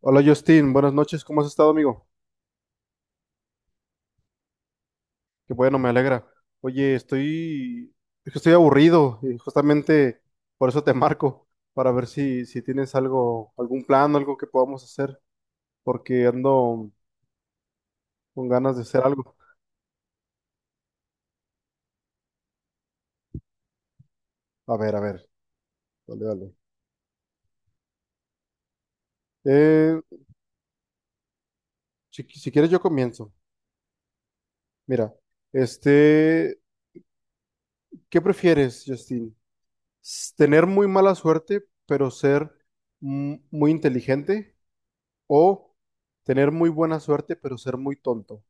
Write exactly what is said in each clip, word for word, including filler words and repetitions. Hola Justin, buenas noches, ¿cómo has estado, amigo? Qué bueno, me alegra. Oye, estoy, es que estoy aburrido y justamente por eso te marco, para ver si, si tienes algo, algún plan, algo que podamos hacer, porque ando con ganas de hacer algo. A ver, a ver, dale, dale. Eh, si, si quieres yo comienzo. Mira, este, ¿qué prefieres, Justin? S- ¿Tener muy mala suerte, pero ser mm, muy inteligente? ¿O tener muy buena suerte, pero ser muy tonto?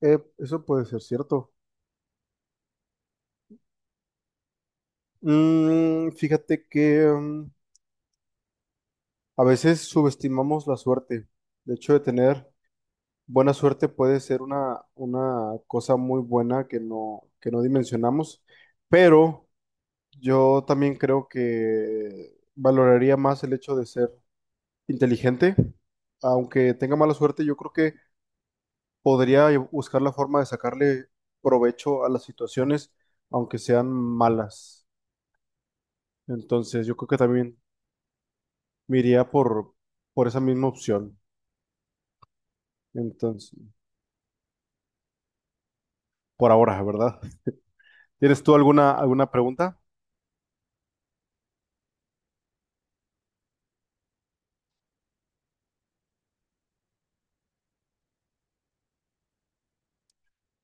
Eh, eso puede ser cierto. Mm, fíjate que, mm, a veces subestimamos la suerte. De hecho, de tener buena suerte puede ser una, una cosa muy buena que no, que no dimensionamos. Pero yo también creo que valoraría más el hecho de ser inteligente. Aunque tenga mala suerte, yo creo que podría buscar la forma de sacarle provecho a las situaciones, aunque sean malas. Entonces, yo creo que también me iría por, por esa misma opción. Entonces, por ahora, ¿verdad? ¿Tienes tú alguna, alguna pregunta?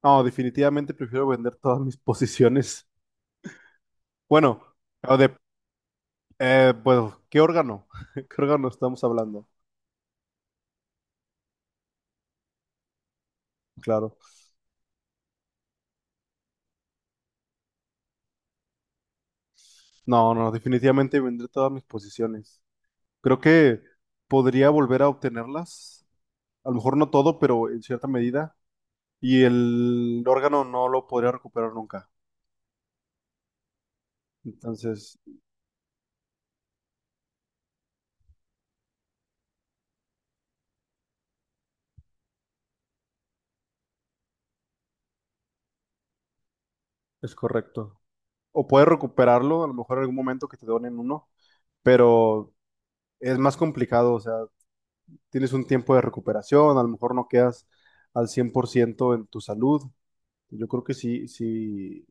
No, definitivamente prefiero vender todas mis posiciones. Bueno, o de, eh, pues, ¿qué órgano? ¿Qué órgano estamos hablando? Claro. No, no, definitivamente vender todas mis posiciones. Creo que podría volver a obtenerlas, a lo mejor no todo, pero en cierta medida, y el órgano no lo podría recuperar nunca. Entonces, es correcto. O puedes recuperarlo, a lo mejor en algún momento que te donen uno, pero es más complicado, o sea, tienes un tiempo de recuperación, a lo mejor no quedas al cien por ciento en tu salud. Yo creo que sí, sí,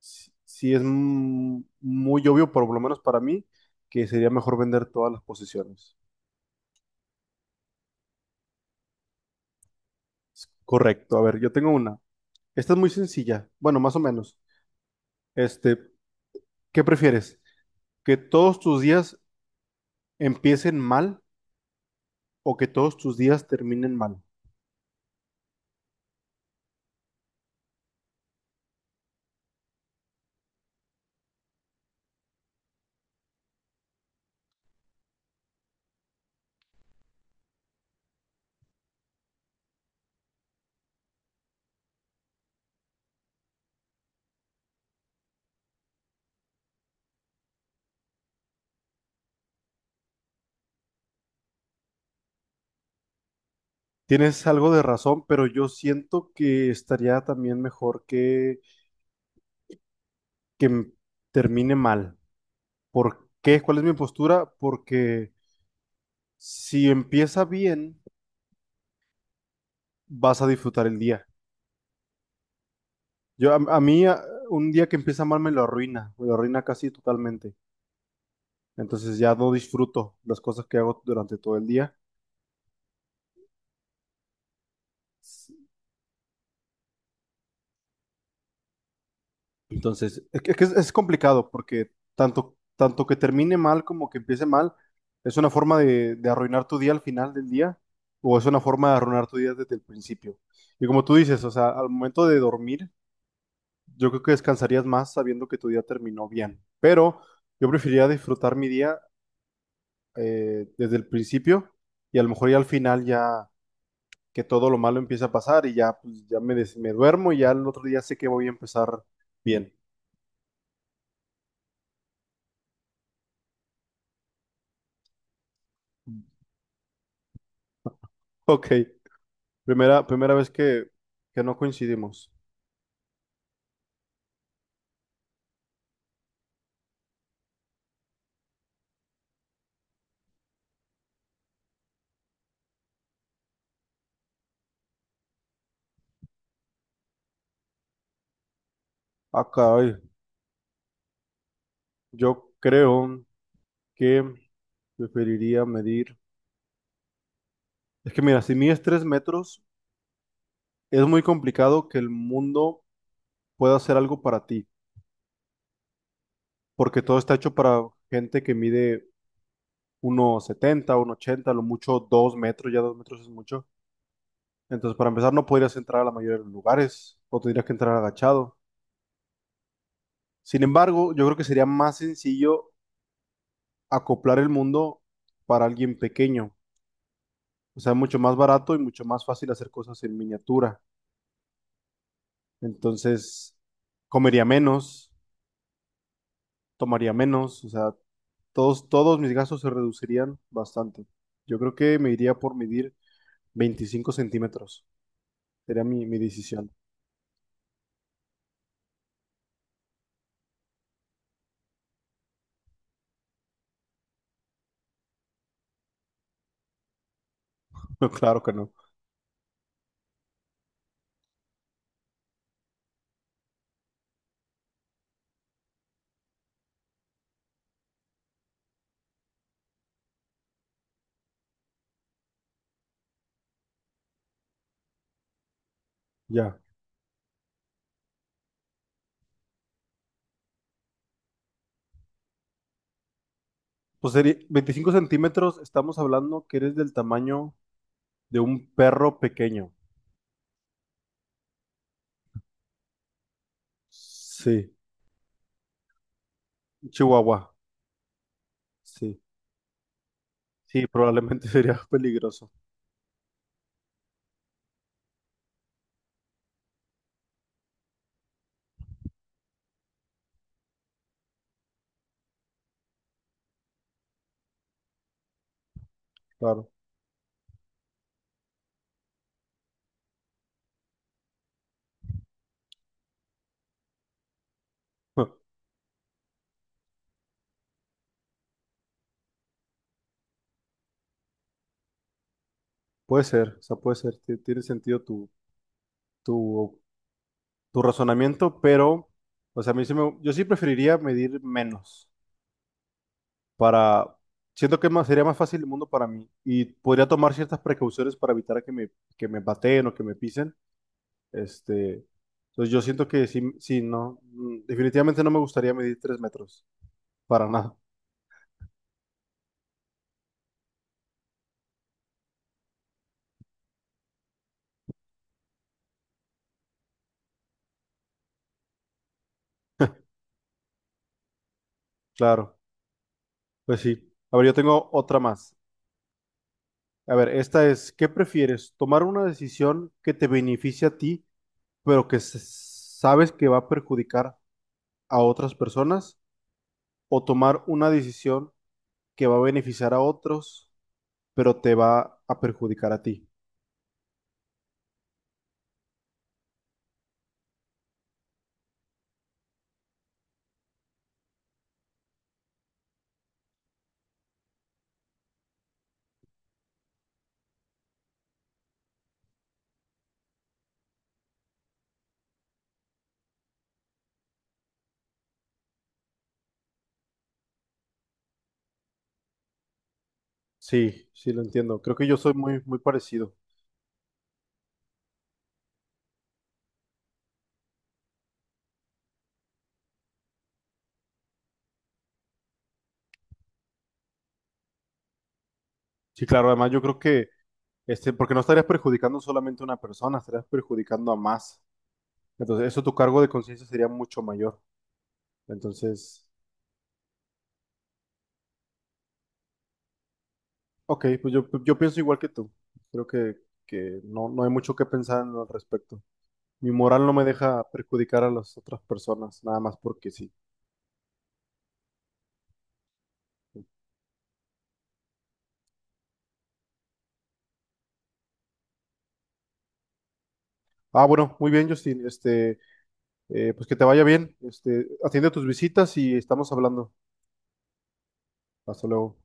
sí, sí es, mm, muy obvio, por lo menos para mí, que sería mejor vender todas las posiciones. Correcto, a ver, yo tengo una. Esta es muy sencilla, bueno, más o menos. Este, ¿qué prefieres? ¿Que todos tus días empiecen mal o que todos tus días terminen mal? Tienes algo de razón, pero yo siento que estaría también mejor que, que m- termine mal. ¿Por qué? ¿Cuál es mi postura? Porque si empieza bien, vas a disfrutar el día. Yo, a, a mí, a- un día que empieza mal me lo arruina, me lo arruina casi totalmente. Entonces ya no disfruto las cosas que hago durante todo el día. Entonces, es, que es, es complicado porque tanto, tanto que termine mal como que empiece mal, es una forma de, de arruinar tu día al final del día, o es una forma de arruinar tu día desde el principio. Y como tú dices, o sea, al momento de dormir, yo creo que descansarías más sabiendo que tu día terminó bien. Pero yo preferiría disfrutar mi día, eh, desde el principio, y a lo mejor ya al final, ya que todo lo malo empieza a pasar y ya, pues, ya me, des- me duermo y ya el otro día sé que voy a empezar bien. Ok. Primera, primera vez que, que no coincidimos. Ah, caray. Yo creo que preferiría medir. Es que mira, si mides tres metros, es muy complicado que el mundo pueda hacer algo para ti, porque todo está hecho para gente que mide uno setenta, uno ochenta, lo mucho dos metros, ya dos metros es mucho. Entonces, para empezar, no podrías entrar a la mayoría de los lugares, o tendrías que entrar agachado. Sin embargo, yo creo que sería más sencillo acoplar el mundo para alguien pequeño. O sea, mucho más barato y mucho más fácil hacer cosas en miniatura. Entonces, comería menos, tomaría menos, o sea, todos, todos mis gastos se reducirían bastante. Yo creo que me iría por medir veinticinco centímetros. Sería mi, mi decisión. No, claro que no. Ya. Pues sería veinticinco centímetros, estamos hablando que eres del tamaño de un perro pequeño. Sí, un chihuahua. Sí, sí, probablemente sería peligroso. Claro. Puede ser, o sea, puede ser, ti- tiene sentido tu, tu, tu razonamiento, pero, o sea, a mí sí me- yo sí preferiría medir menos, para, siento que más, sería más fácil el mundo para mí y podría tomar ciertas precauciones para evitar que me, que me baten o que me pisen, este, entonces yo siento que sí, sí, no, mm, definitivamente no me gustaría medir tres metros, para nada, claro, pues sí. A ver, yo tengo otra más. A ver, esta es, ¿qué prefieres? ¿Tomar una decisión que te beneficie a ti, pero que se- sabes que va a perjudicar a otras personas, o tomar una decisión que va a beneficiar a otros, pero te va a perjudicar a ti? Sí, sí lo entiendo. Creo que yo soy muy, muy parecido. Sí, claro, además yo creo que este, porque no estarías perjudicando solamente a una persona, estarías perjudicando a más. Entonces, eso, tu cargo de conciencia sería mucho mayor. Entonces, ok, pues yo, yo pienso igual que tú. Creo que, que no, no hay mucho que pensar al respecto. Mi moral no me deja perjudicar a las otras personas, nada más porque sí. Ah, bueno, muy bien, Justin. Este, eh, pues que te vaya bien. Este, atiende tus visitas y estamos hablando. Hasta luego.